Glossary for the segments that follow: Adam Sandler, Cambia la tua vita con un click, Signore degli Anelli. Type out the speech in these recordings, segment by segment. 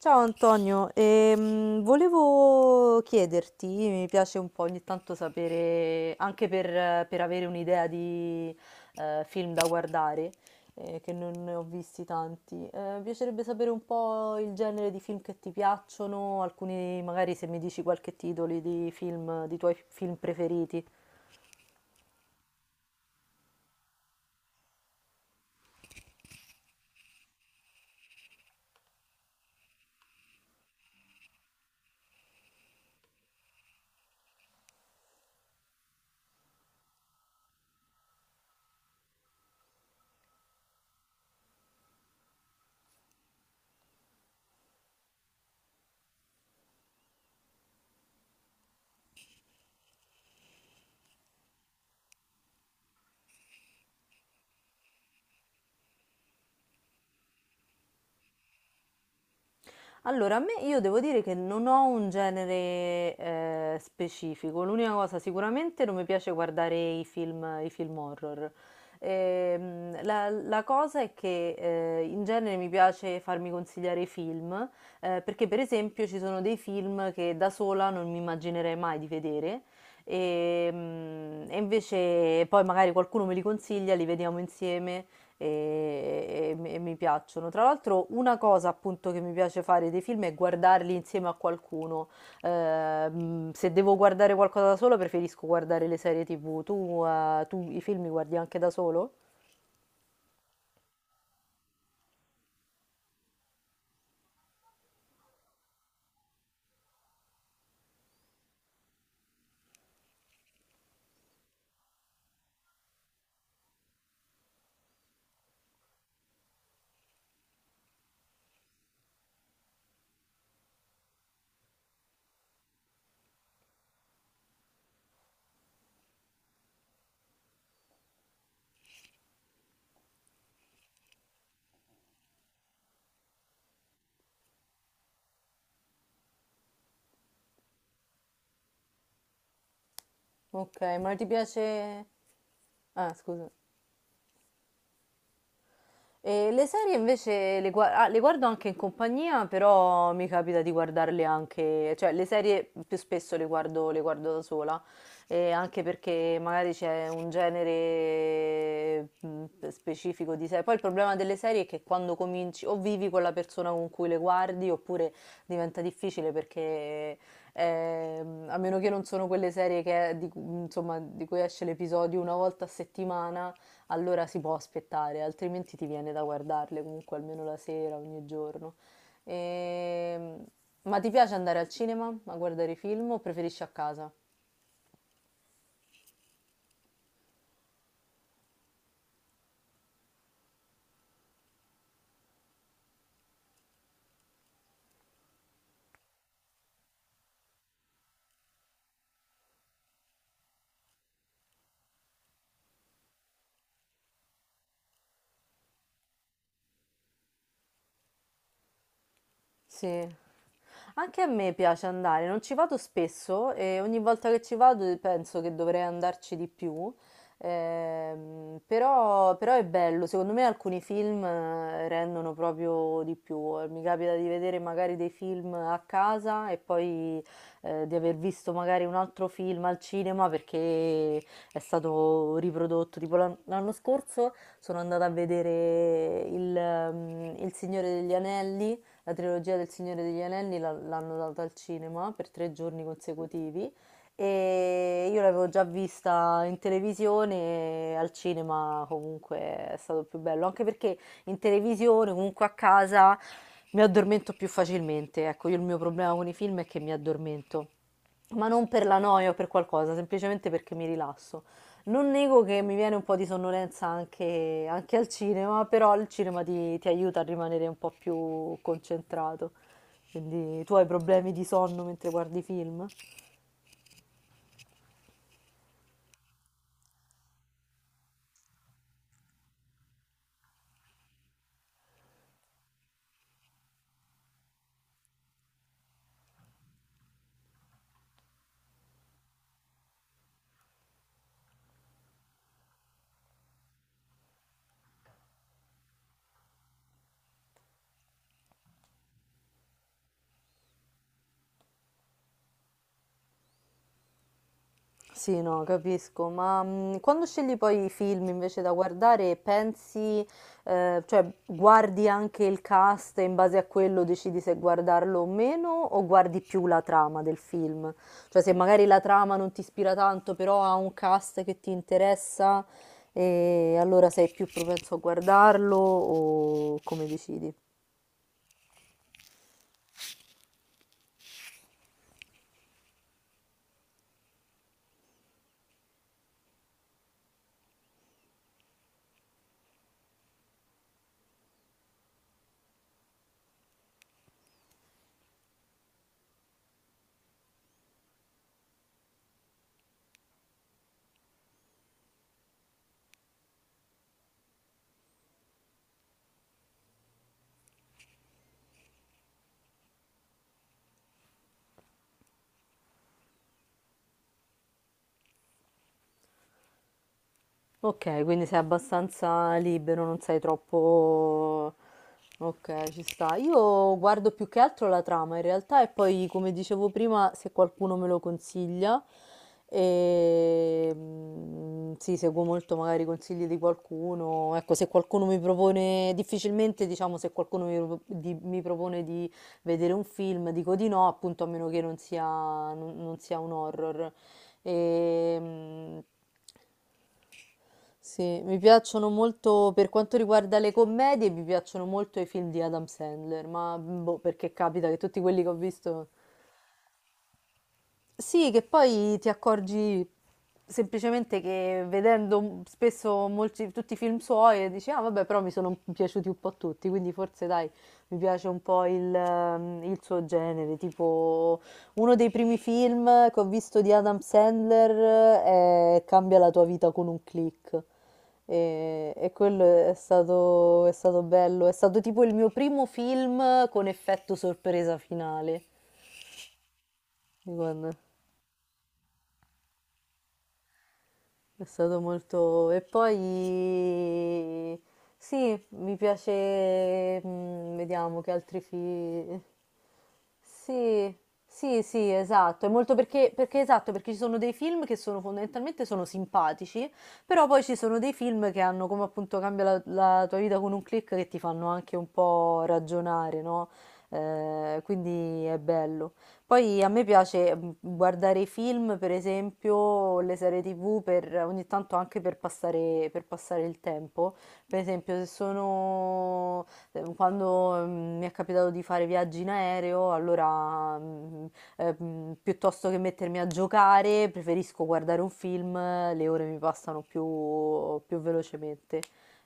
Ciao Antonio, volevo chiederti, mi piace un po' ogni tanto sapere, anche per avere un'idea di film da guardare, che non ne ho visti tanti, mi piacerebbe sapere un po' il genere di film che ti piacciono, alcuni magari se mi dici qualche titolo di film, di tuoi film preferiti. Allora, a me io devo dire che non ho un genere specifico. L'unica cosa, sicuramente non mi piace guardare i film horror. La cosa è che in genere mi piace farmi consigliare i film, perché per esempio ci sono dei film che da sola non mi immaginerei mai di vedere. E invece poi magari qualcuno me li consiglia, li vediamo insieme e mi piacciono. Tra l'altro, una cosa appunto che mi piace fare dei film è guardarli insieme a qualcuno. Se devo guardare qualcosa da solo, preferisco guardare le serie TV. Tu, tu i film li guardi anche da solo? Ok, ma ti piace... Ah, scusa. E le serie invece le guardo anche in compagnia, però mi capita di guardarle anche, cioè le serie più spesso le guardo da sola, e anche perché magari c'è un genere specifico di serie. Poi il problema delle serie è che quando cominci o vivi con la persona con cui le guardi oppure diventa difficile perché a meno che non sono quelle serie insomma, di cui esce l'episodio una volta a settimana allora si può aspettare, altrimenti ti viene da guardarle comunque almeno la sera, ogni giorno. Ehm, Ma ti piace andare al cinema a guardare film o preferisci a casa? Sì, anche a me piace andare, non ci vado spesso e ogni volta che ci vado penso che dovrei andarci di più, però è bello, secondo me alcuni film rendono proprio di più, mi capita di vedere magari dei film a casa e poi di aver visto magari un altro film al cinema perché è stato riprodotto, tipo l'anno scorso sono andata a vedere il Signore degli Anelli, la trilogia del Signore degli Anelli l'hanno data al cinema per tre giorni consecutivi e io l'avevo già vista in televisione e al cinema comunque è stato più bello, anche perché in televisione comunque a casa mi addormento più facilmente, ecco, io il mio problema con i film è che mi addormento, ma non per la noia o per qualcosa, semplicemente perché mi rilasso. Non nego che mi viene un po' di anche al cinema, però il cinema ti aiuta a rimanere un po' più concentrato. Quindi tu hai problemi di sonno mentre guardi film? Sì, no, capisco, ma quando scegli poi i film invece da guardare, pensi, cioè guardi anche il cast e in base a quello decidi se guardarlo o meno, o guardi più la trama del film? Cioè se magari la trama non ti ispira tanto, però ha un cast che ti interessa, e allora sei più propenso a guardarlo o come decidi? Ok, quindi sei abbastanza libero, non sei troppo... Ok, ci sta. Io guardo più che altro la trama in realtà e poi, come dicevo prima, se qualcuno me lo consiglia, e... sì, seguo molto magari i consigli di qualcuno. Ecco, se qualcuno mi propone, difficilmente diciamo se qualcuno mi propone di vedere un film, dico di no, appunto a meno che non sia, non sia un horror. E, mm, sì, mi piacciono molto, per quanto riguarda le commedie, mi piacciono molto i film di Adam Sandler, ma boh, perché capita che tutti quelli che ho visto, sì, che poi ti accorgi semplicemente che vedendo spesso tutti i film suoi e dici, ah vabbè, però mi sono piaciuti un po' tutti, quindi forse dai, mi piace un po' il suo genere, tipo uno dei primi film che ho visto di Adam Sandler è Cambia la tua vita con un click. E quello è stato bello, è stato tipo il mio primo film con effetto sorpresa finale. Guarda. È stato molto... E poi... Sì, mi piace... Vediamo che altri film... Sì, sì, sì, esatto. È molto perché esatto, perché ci sono dei film che sono fondamentalmente sono simpatici, però poi ci sono dei film che hanno come appunto cambia la tua vita con un click che ti fanno anche un po' ragionare, no? Quindi è bello. Poi a me piace guardare i film, per esempio, le serie TV, per, ogni tanto anche per per passare il tempo. Per esempio, se sono, quando mi è capitato di fare viaggi in aereo, allora piuttosto che mettermi a giocare, preferisco guardare un film, le ore mi passano più velocemente.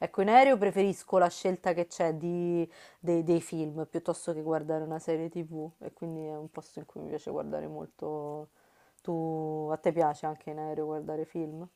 Ecco, in aereo preferisco la scelta che c'è di dei film piuttosto che guardare una serie TV e quindi è un posto in cui mi piace guardare molto. Tu, a te piace anche in aereo guardare film?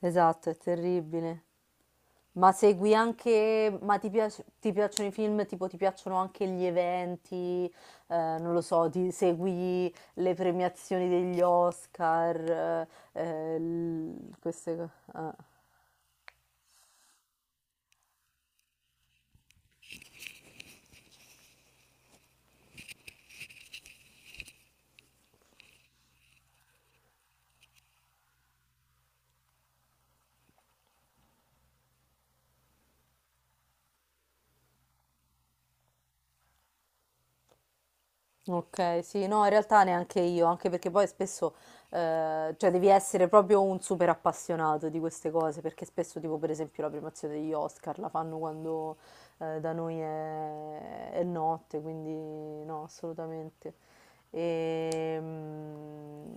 Esatto, è terribile. Ma segui anche, ma ti piacciono i film, tipo ti piacciono anche gli eventi, non lo so, ti segui le premiazioni degli Oscar, eh, queste cose. Ok, sì, no, in realtà neanche io, anche perché poi spesso, cioè devi essere proprio un super appassionato di queste cose, perché spesso tipo per esempio la premiazione degli Oscar la fanno quando da noi è notte, quindi no, assolutamente. Ehm,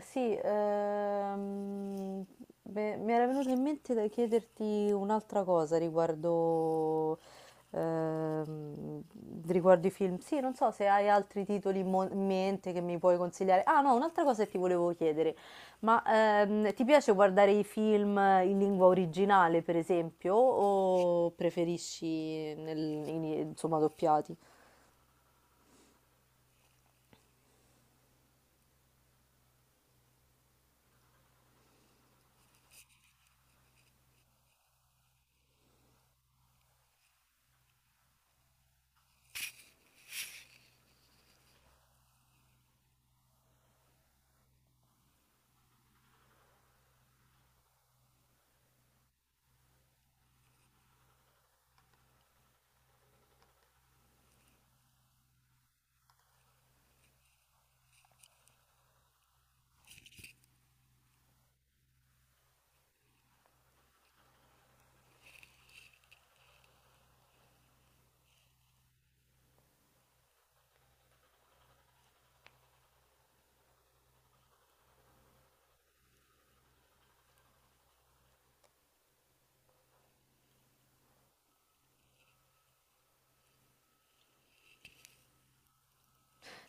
sì, ehm, Beh, mi era venuto in mente da chiederti un'altra cosa riguardo, ehm, riguardo i film. Sì, non so se hai altri titoli in mente che mi puoi consigliare. Ah, no, un'altra cosa che ti volevo chiedere. Ma ti piace guardare i film in lingua originale, per esempio, o preferisci insomma, doppiati?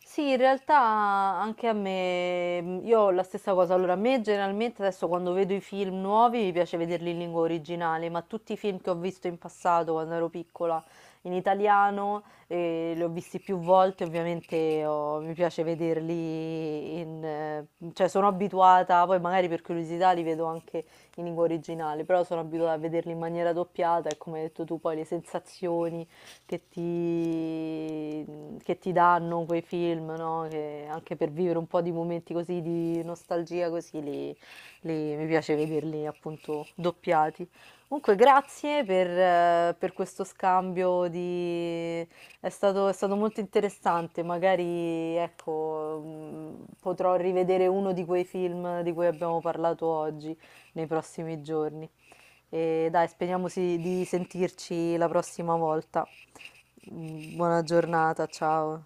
Sì, in realtà anche a me, io ho la stessa cosa. Allora, a me generalmente adesso quando vedo i film nuovi mi piace vederli in lingua originale, ma tutti i film che ho visto in passato quando ero piccola in italiano, li ho visti più volte, ovviamente mi piace vederli in... cioè sono abituata, poi magari per curiosità li vedo anche in lingua originale, però sono abituata a vederli in maniera doppiata e come hai detto tu poi le sensazioni che che ti danno quei film, no? Che anche per vivere un po' di momenti così di nostalgia, mi piace vederli appunto doppiati. Comunque, grazie per questo scambio di... è stato molto interessante, magari ecco, potrò rivedere uno di quei film di cui abbiamo parlato oggi nei prossimi giorni. E dai, speriamo di sentirci la prossima volta. Buona giornata, ciao.